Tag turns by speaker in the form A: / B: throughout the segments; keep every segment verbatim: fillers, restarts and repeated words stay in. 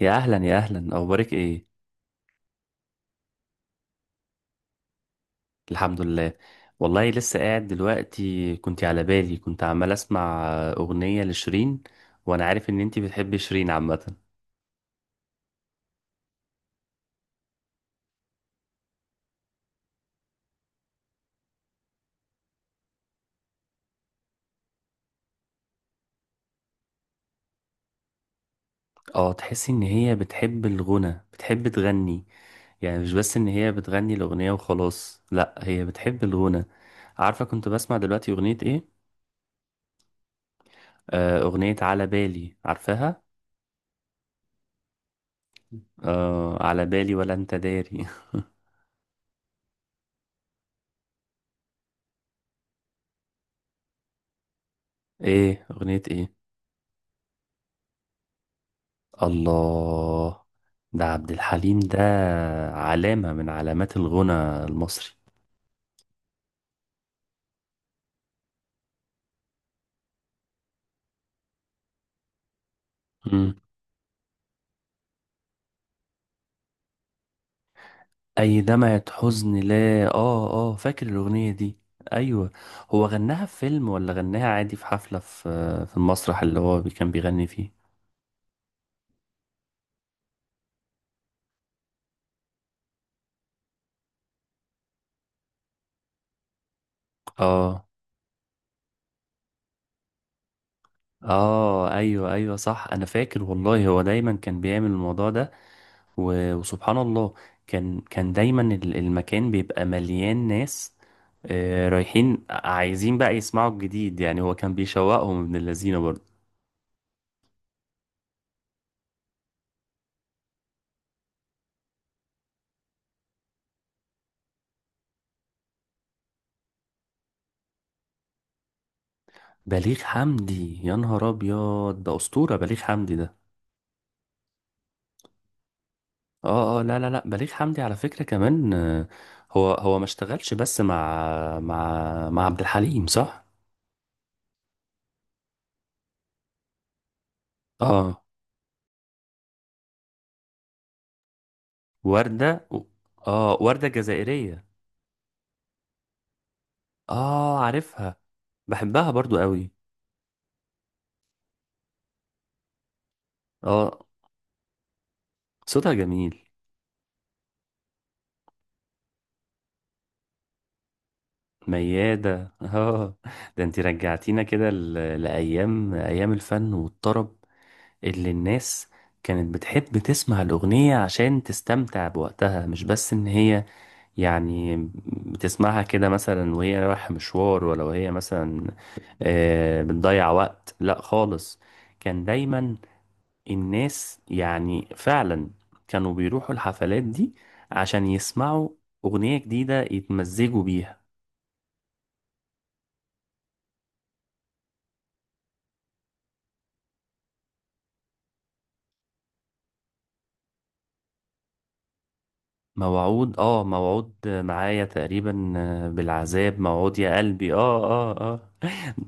A: يا اهلا يا اهلا، اخبارك ايه؟ الحمد لله. والله لسه قاعد دلوقتي، كنت على بالي، كنت عمال اسمع اغنية لشيرين، وانا عارف ان انتي بتحبي شيرين عامة. اه، تحسي ان هي بتحب الغنى، بتحب تغني؟ يعني مش بس ان هي بتغني الاغنية وخلاص، لا، هي بتحب الغنى. عارفة كنت بسمع دلوقتي اغنية ايه؟ آه، اغنية على بالي، عارفاها؟ آه، على بالي ولا انت داري. ايه؟ اغنية ايه؟ الله، ده عبد الحليم ده، علامة من علامات الغنى المصري. مم. أي دمعة حزن لا، آه آه، فاكر الأغنية دي. أيوة. هو غناها في فيلم ولا غناها عادي في حفلة، في في المسرح اللي هو بي- كان بيغني فيه؟ آه آه، أيوة أيوة، صح، أنا فاكر والله، هو دايما كان بيعمل الموضوع ده. و- وسبحان الله، كان كان دايما ال- المكان بيبقى مليان ناس، آه، رايحين عايزين بقى يسمعوا الجديد. يعني هو كان بيشوقهم ابن اللذينه برضه. بليغ حمدي، يا نهار ابيض، ده اسطوره بليغ حمدي ده. اه اه، لا لا لا، بليغ حمدي على فكره كمان، آه، هو هو ما اشتغلش بس مع مع مع عبد الحليم، صح؟ اه، ورده. اه، ورده جزائريه. اه، عارفها. بحبها برضو قوي. اه، صوتها جميل. ميادة. اه، ده انت رجعتينا كده ل- لأيام، أيام الفن والطرب، اللي الناس كانت بتحب تسمع الأغنية عشان تستمتع بوقتها، مش بس إن هي، يعني، بتسمعها كده مثلا وهي رايحة مشوار، ولا وهي مثلا آه، بتضيع وقت، لا خالص. كان دايما الناس، يعني فعلا، كانوا بيروحوا الحفلات دي عشان يسمعوا أغنية جديدة يتمزجوا بيها. موعود، اه، موعود معايا تقريبا، آه، بالعذاب موعود يا قلبي. اه اه اه.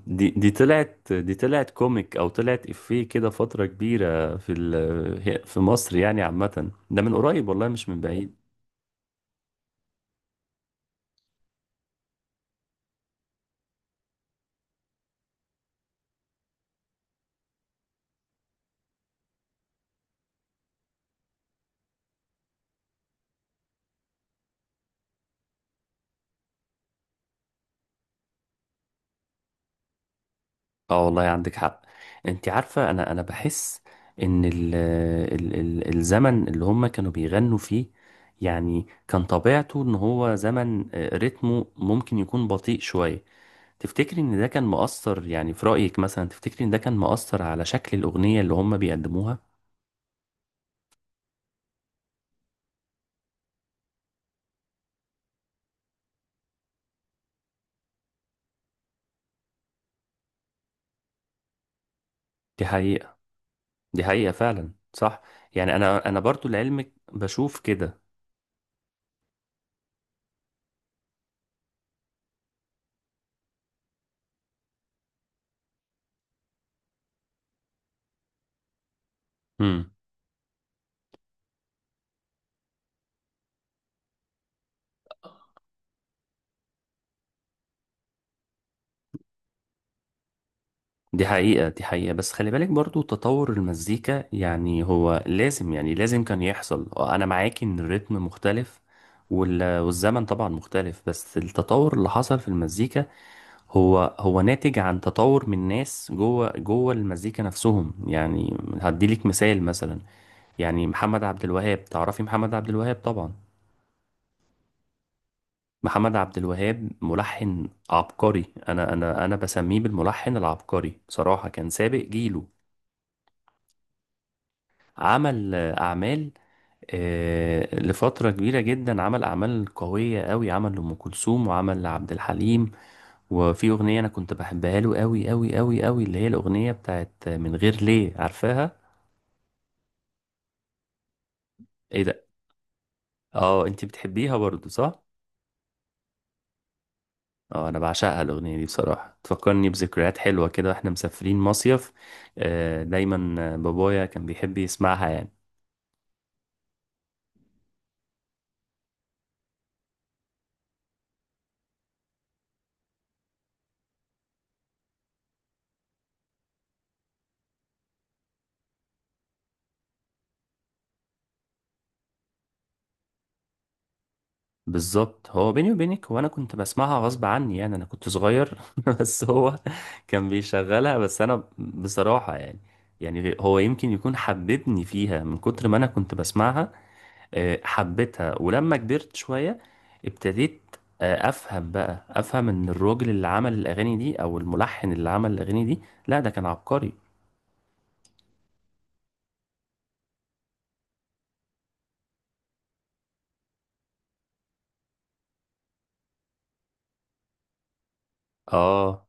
A: دي دي طلعت دي طلعت كوميك او طلعت افيه كده فترة كبيرة في ال- في مصر يعني عامة، ده من قريب والله، مش من بعيد. اه، والله عندك حق. انت عارفة، انا انا بحس ان ال ال ال الزمن اللي هم كانوا بيغنوا فيه، يعني كان طبيعته ان هو زمن آه، رتمه ممكن يكون بطيء شوية. تفتكري ان ده كان مؤثر؟ يعني في رأيك، مثلا، تفتكري ان ده كان مؤثر على شكل الأغنية اللي هم بيقدموها؟ دي حقيقة، دي حقيقة فعلا، صح. يعني انا انا برضو لعلمك بشوف كده. امم. دي حقيقة، دي حقيقة. بس خلي بالك برضو تطور المزيكا، يعني هو لازم، يعني لازم كان يحصل. آه، انا معاكي ان الريتم مختلف، وال- والزمن طبعا مختلف، بس التطور اللي حصل في المزيكا هو هو ناتج عن تطور من ناس جوه جوه المزيكا نفسهم. يعني هديلك مثال مثلا، يعني محمد عبد الوهاب، تعرفي محمد عبد الوهاب طبعا. محمد عبد الوهاب ملحن عبقري، انا انا انا بسميه بالملحن العبقري، بصراحة كان سابق جيله. عمل آه، اعمال، آه، لفترة كبيرة جدا، عمل أعمال قوية قوي، عمل لأم كلثوم وعمل لعبد الحليم. وفي أغنية أنا كنت بحبها له قوي قوي قوي قوي، اللي هي الأغنية بتاعت من غير ليه، عارفاها؟ ايه ده! اه، انتي بتحبيها برضو، صح؟ اه، انا بعشقها الاغنيه دي بصراحه، تفكرني بذكريات حلوه كده، واحنا مسافرين مصيف. آه، دايما آه، بابايا كان بيحب يسمعها يعني. بالظبط. هو بيني وبينك، هو انا كنت بسمعها غصب عني، يعني انا كنت صغير، بس هو كان بيشغلها. بس انا بصراحه يعني، يعني هو يمكن يكون حببني فيها من كتر ما انا كنت بسمعها، آه، حبيتها. ولما كبرت شوية ابتديت آه، افهم بقى افهم ان الراجل اللي عمل الاغاني دي، او الملحن اللي عمل الاغاني دي، لا، ده كان عبقري. اه،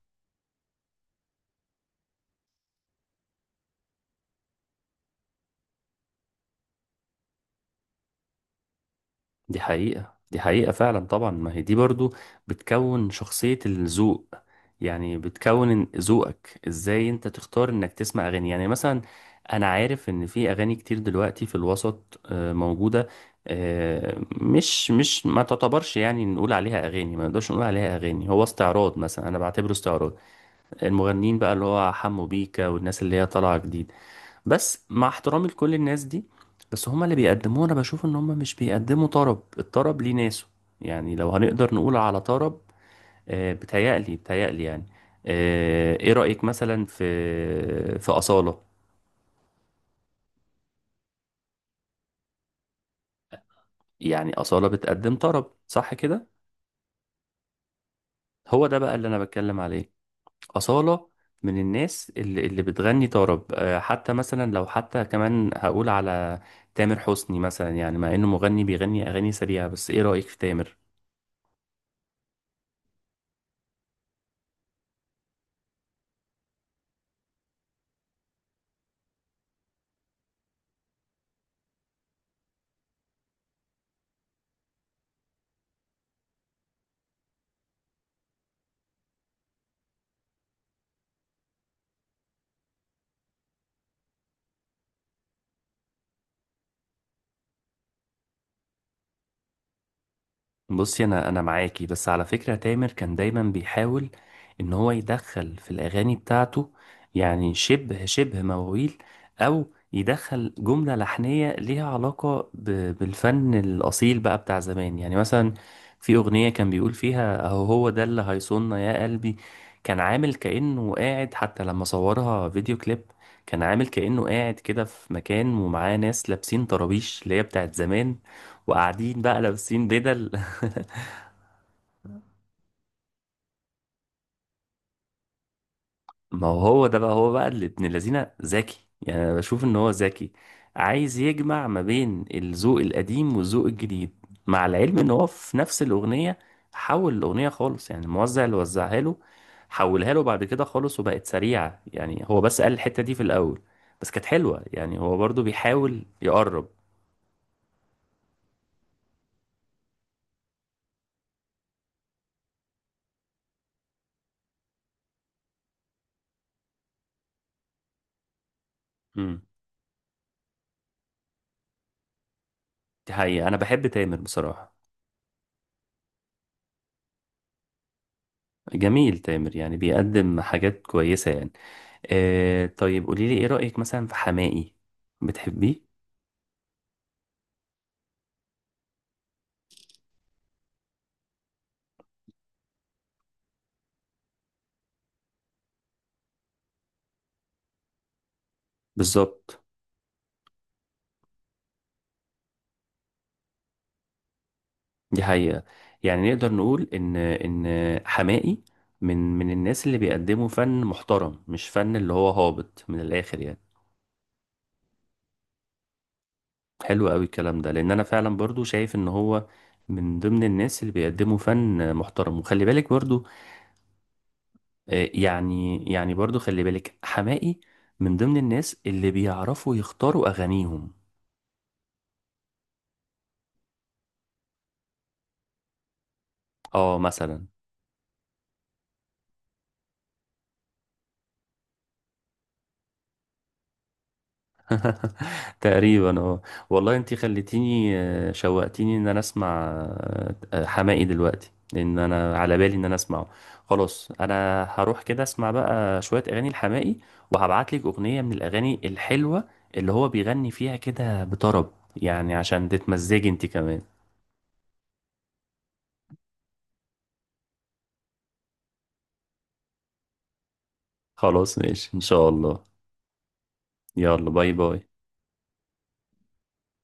A: دي حقيقة، دي حقيقة فعلا. طبعا ما هي دي برضو بتكون شخصية الذوق، يعني بتكون إن- ذوقك ازاي، انت تختار انك تسمع اغاني يعني، مثلا انا عارف ان في اغاني كتير دلوقتي في الوسط آه، موجودة، آه، مش مش ما تعتبرش، يعني نقول عليها اغاني، ما نقدرش نقول عليها اغاني، هو استعراض. مثلا انا بعتبره استعراض المغنيين بقى، اللي هو حمو بيكا والناس اللي هي طالعة جديد. بس مع احترامي لكل الناس دي، بس هما اللي بيقدموه انا بشوف ان هما مش بيقدموا طرب، الطرب ليه ناسه، يعني لو هنقدر نقول على طرب. آه، بتهيألي بتهيألي يعني. آه، ايه رأيك مثلا في في أصالة؟ يعني أصالة بتقدم طرب، صح كده؟ هو ده بقى اللي انا بتكلم عليه. أصالة من الناس اللي اللي بتغني طرب. آه، حتى مثلا، لو حتى كمان هقول على تامر حسني مثلا، يعني مع انه مغني بيغني اغاني سريعة، بس ايه رأيك في تامر؟ بصي، انا انا معاكي، بس على فكرة تامر كان دايما بيحاول ان هو يدخل في الاغاني بتاعته، يعني شبه شبه مواويل، او يدخل جملة لحنية ليها علاقة ب- بالفن الاصيل بقى بتاع زمان. يعني مثلا في اغنية كان بيقول فيها، اهو هو ده اللي هيصوننا يا قلبي، كان عامل كأنه قاعد. حتى لما صورها فيديو كليب، كان عامل كأنه قاعد كده في مكان ومعاه ناس لابسين طرابيش اللي هي بتاعت زمان، وقاعدين بقى لابسين بدل. ما هو ده بقى، هو بقى اللي ابن الذين ذكي. يعني انا بشوف ان هو ذكي، عايز يجمع ما بين الذوق القديم والذوق الجديد، مع العلم ان هو في نفس الاغنيه حول الاغنيه خالص، يعني الموزع اللي وزعها له حولها له بعد كده خالص وبقت سريعه، يعني هو بس قال الحته دي في الاول، بس كانت حلوه. يعني هو برضو بيحاول يقرب. امم. دي حقيقه، انا بحب تامر بصراحه. جميل تامر، يعني بيقدم حاجات كويسة يعني. آه، طيب قولي لي، ايه رأيك مثلا في حماقي؟ بتحبيه؟ بالظبط. دي حقيقة. يعني نقدر نقول ان ان حماقي من من الناس اللي بيقدموا فن محترم، مش فن اللي هو هابط من الآخر يعني. حلو قوي الكلام ده، لان انا فعلا برضو شايف ان هو من ضمن الناس اللي بيقدموا فن محترم. وخلي بالك برضو آه، يعني يعني برضو خلي بالك، حماقي من ضمن الناس اللي بيعرفوا يختاروا اغانيهم. اه، مثلا. تقريبا، اه. والله انتي خليتيني، آه، شوقتيني ان انا اسمع، آه، آه، حماقي دلوقتي، لان انا على بالي ان انا اسمعه. خلاص، انا هروح كده اسمع بقى شوية اغاني الحماقي، وهبعتلك اغنية من الاغاني الحلوة اللي هو بيغني فيها كده بطرب، يعني عشان تتمزجي انتي كمان. خلاص ماشي، ان شاء الله. يلا، باي باي.